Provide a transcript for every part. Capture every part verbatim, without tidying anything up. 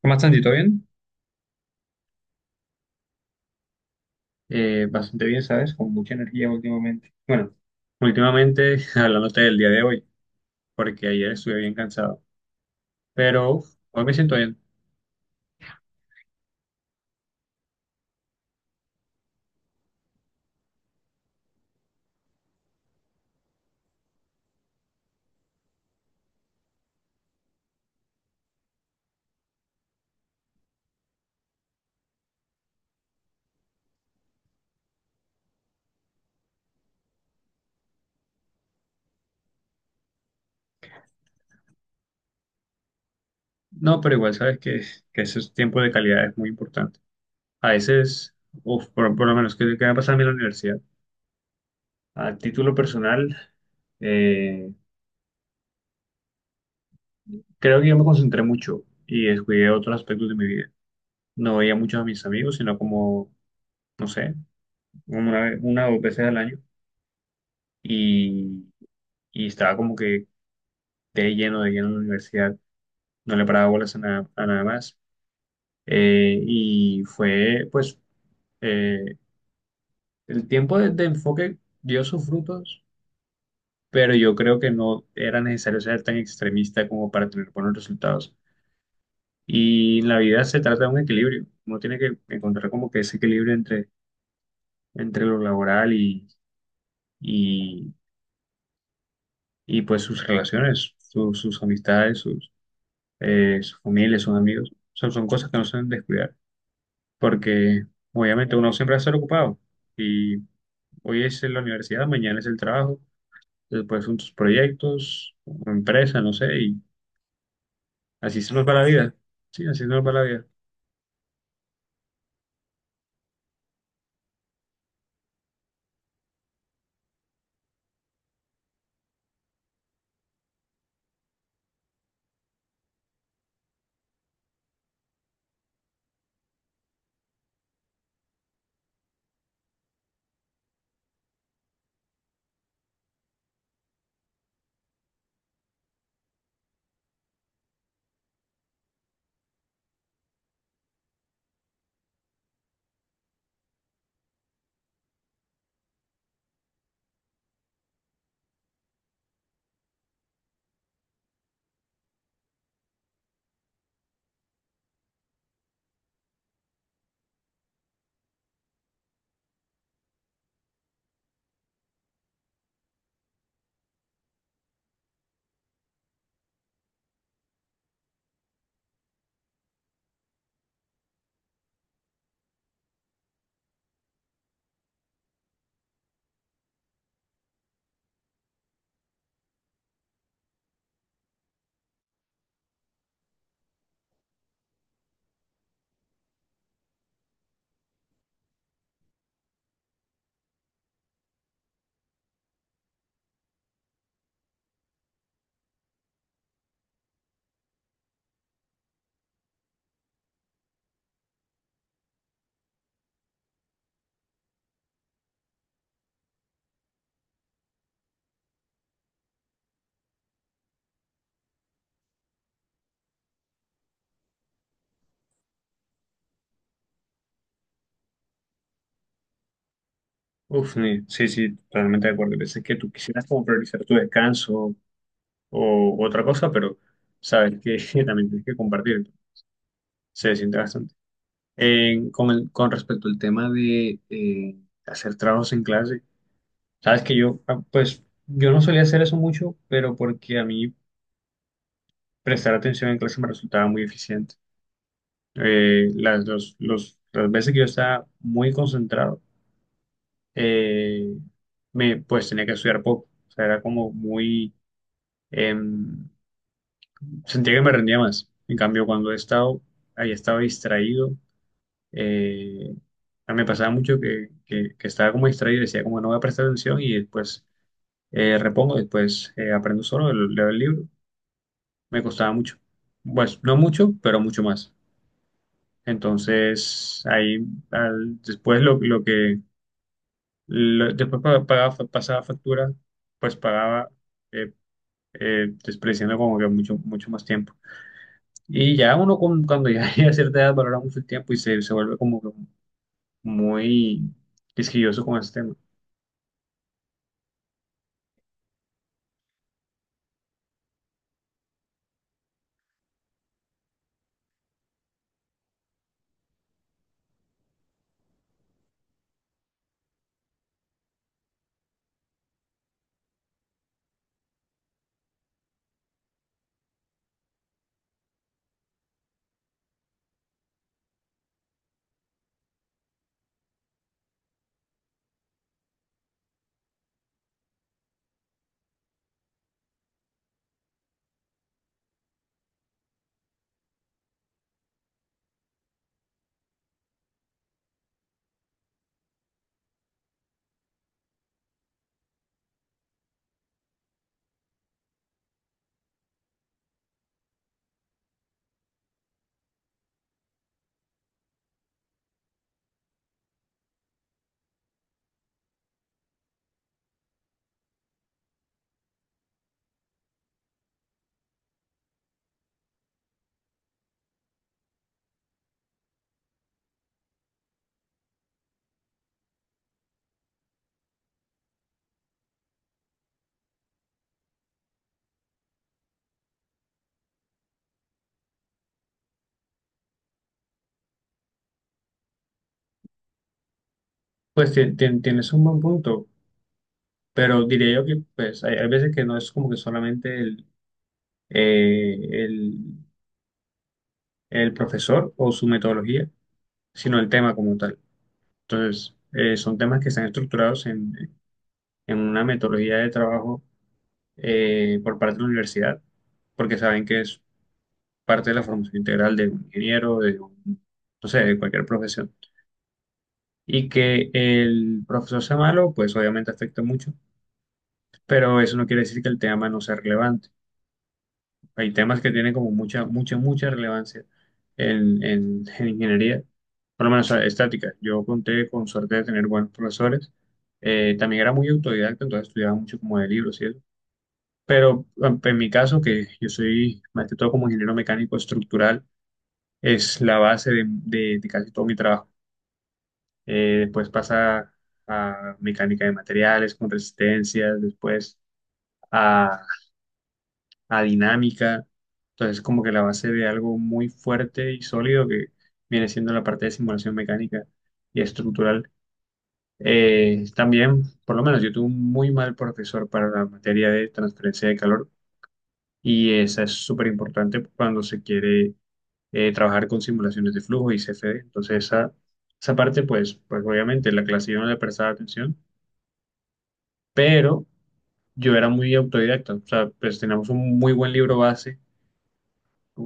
¿Cómo estás, Andy? ¿Todo bien? Eh, bastante bien, ¿sabes? Con mucha energía últimamente. Bueno, últimamente, hablándote del día de hoy, porque ayer estuve bien cansado, pero hoy me siento bien. No, pero igual sabes que, que ese tiempo de calidad es muy importante. A veces, uf, por, por lo menos, que, que me ha pasado a mí en la universidad. A título personal, eh, creo que yo me concentré mucho y descuidé otros aspectos de mi vida. No veía mucho a mis amigos, sino como, no sé, como una, vez- una o dos veces al año. Y y estaba como que de lleno, de lleno en la universidad, no le paraba bolas a nada, a nada más. Eh, y fue, pues, eh, el tiempo de, de enfoque dio sus frutos, pero yo creo que no era necesario ser tan extremista como para tener buenos resultados. Y en la vida se trata de un equilibrio, uno tiene que encontrar como que ese equilibrio entre, entre lo laboral y, y, y pues sus relaciones, su- sus amistades, sus, eh, su familia, sus amigos. Son, son cosas que no se deben descuidar, porque obviamente uno siempre va a estar ocupado y hoy es en la universidad, mañana es el trabajo, después son tus proyectos, una empresa, no sé, y así se nos va la vida. Sí, así se nos va la vida. Uf, ni- sí, sí, totalmente de acuerdo. Hay veces que tú quisieras como priorizar tu descanso o otra cosa, pero sabes que también tienes que compartir. Se siente bastante. En- con, el- con respecto al tema de eh, hacer trabajos en clase, sabes que yo, ah, pues, yo no solía hacer eso mucho, pero porque a mí prestar atención en clase me resultaba muy eficiente. Eh, las, los- los- las veces que yo estaba muy concentrado, eh, me, pues tenía que estudiar poco. O sea, era como muy… em, sentía que me rendía más. En cambio, cuando he estado, ahí estaba distraído, eh, me pasaba mucho que, que- que estaba como distraído, decía como no voy a prestar atención y después eh, repongo, después eh, aprendo solo, leo el libro. Me costaba mucho. Pues no mucho, pero mucho más. Entonces, ahí, al- después lo, lo que lo- después pa- pagaba, fa- pasaba factura, pues pagaba, eh, eh, despreciando como que mucho, mucho más tiempo. Y ya uno con- cuando ya llega a cierta edad valora mucho el tiempo y se, se vuelve como que muy quisquilloso con ese tema. Pues tien- tien- tienes un buen punto, pero diría yo que pues hay, hay veces que no es como que solamente el, eh, el, el profesor o su metodología, sino el tema como tal. Entonces, eh, son temas que están estructurados en, en una metodología de trabajo eh, por parte de la universidad, porque saben que es parte de la formación integral de un ingeniero, de un, no sé, de cualquier profesión. Y que el profesor sea malo, pues obviamente afecta mucho, pero eso no quiere decir que el tema no sea relevante. Hay temas que tienen como mucha, mucha, mucha relevancia en, en, en ingeniería, por lo menos, o sea, estática. Yo conté con suerte de tener buenos profesores. Eh, también era muy autodidacta, entonces estudiaba mucho como de libros, ¿cierto? Pero en en mi caso, que yo soy más que todo como ingeniero mecánico estructural, es la base de, de- de casi todo mi trabajo. Eh, después pasa a mecánica de materiales con resistencias, después a dinámica. Entonces, como que la base de algo muy fuerte y sólido que viene siendo la parte de simulación mecánica y estructural. Eh, también, por lo menos, yo tuve un muy mal profesor para la materia de transferencia de calor y esa es súper importante cuando se quiere eh, trabajar con simulaciones de flujo y C F D. Entonces, esa, esa parte, pues, pues obviamente la clase yo no le prestaba atención, pero yo era muy autodidacta. O sea, pues teníamos un muy buen libro base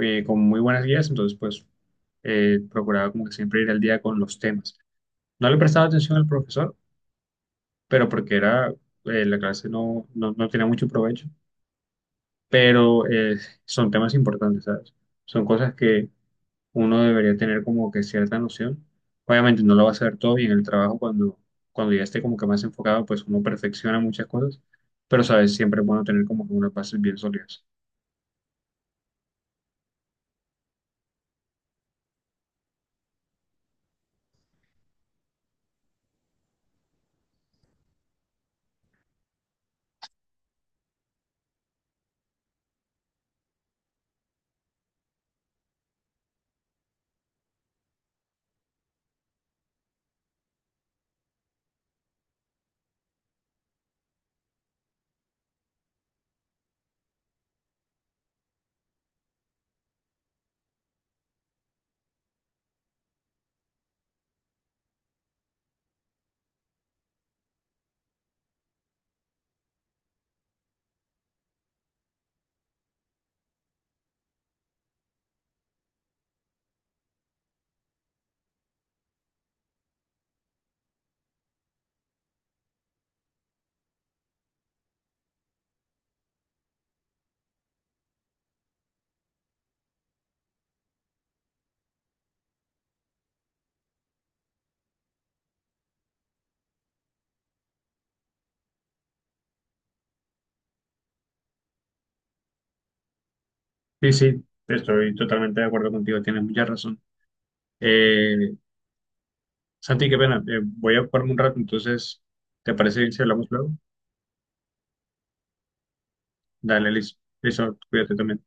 eh, con muy buenas guías, entonces pues eh, procuraba como que siempre ir al día con los temas. No le prestaba atención al profesor, pero porque era, eh, la clase no, no, no tenía mucho provecho, pero eh, son temas importantes, ¿sabes? Son cosas que uno debería tener como que cierta noción. Obviamente no lo va a saber todo y en el trabajo cuando, cuando ya esté como que más enfocado, pues uno perfecciona muchas cosas, pero sabes, siempre es bueno tener como que unas bases bien sólidas. Sí, sí, estoy totalmente de acuerdo contigo, tienes mucha razón. Eh, Santi, qué pena. Eh, voy a ocuparme un rato, entonces, ¿te parece bien si hablamos luego? Dale, listo. Listo, cuídate también.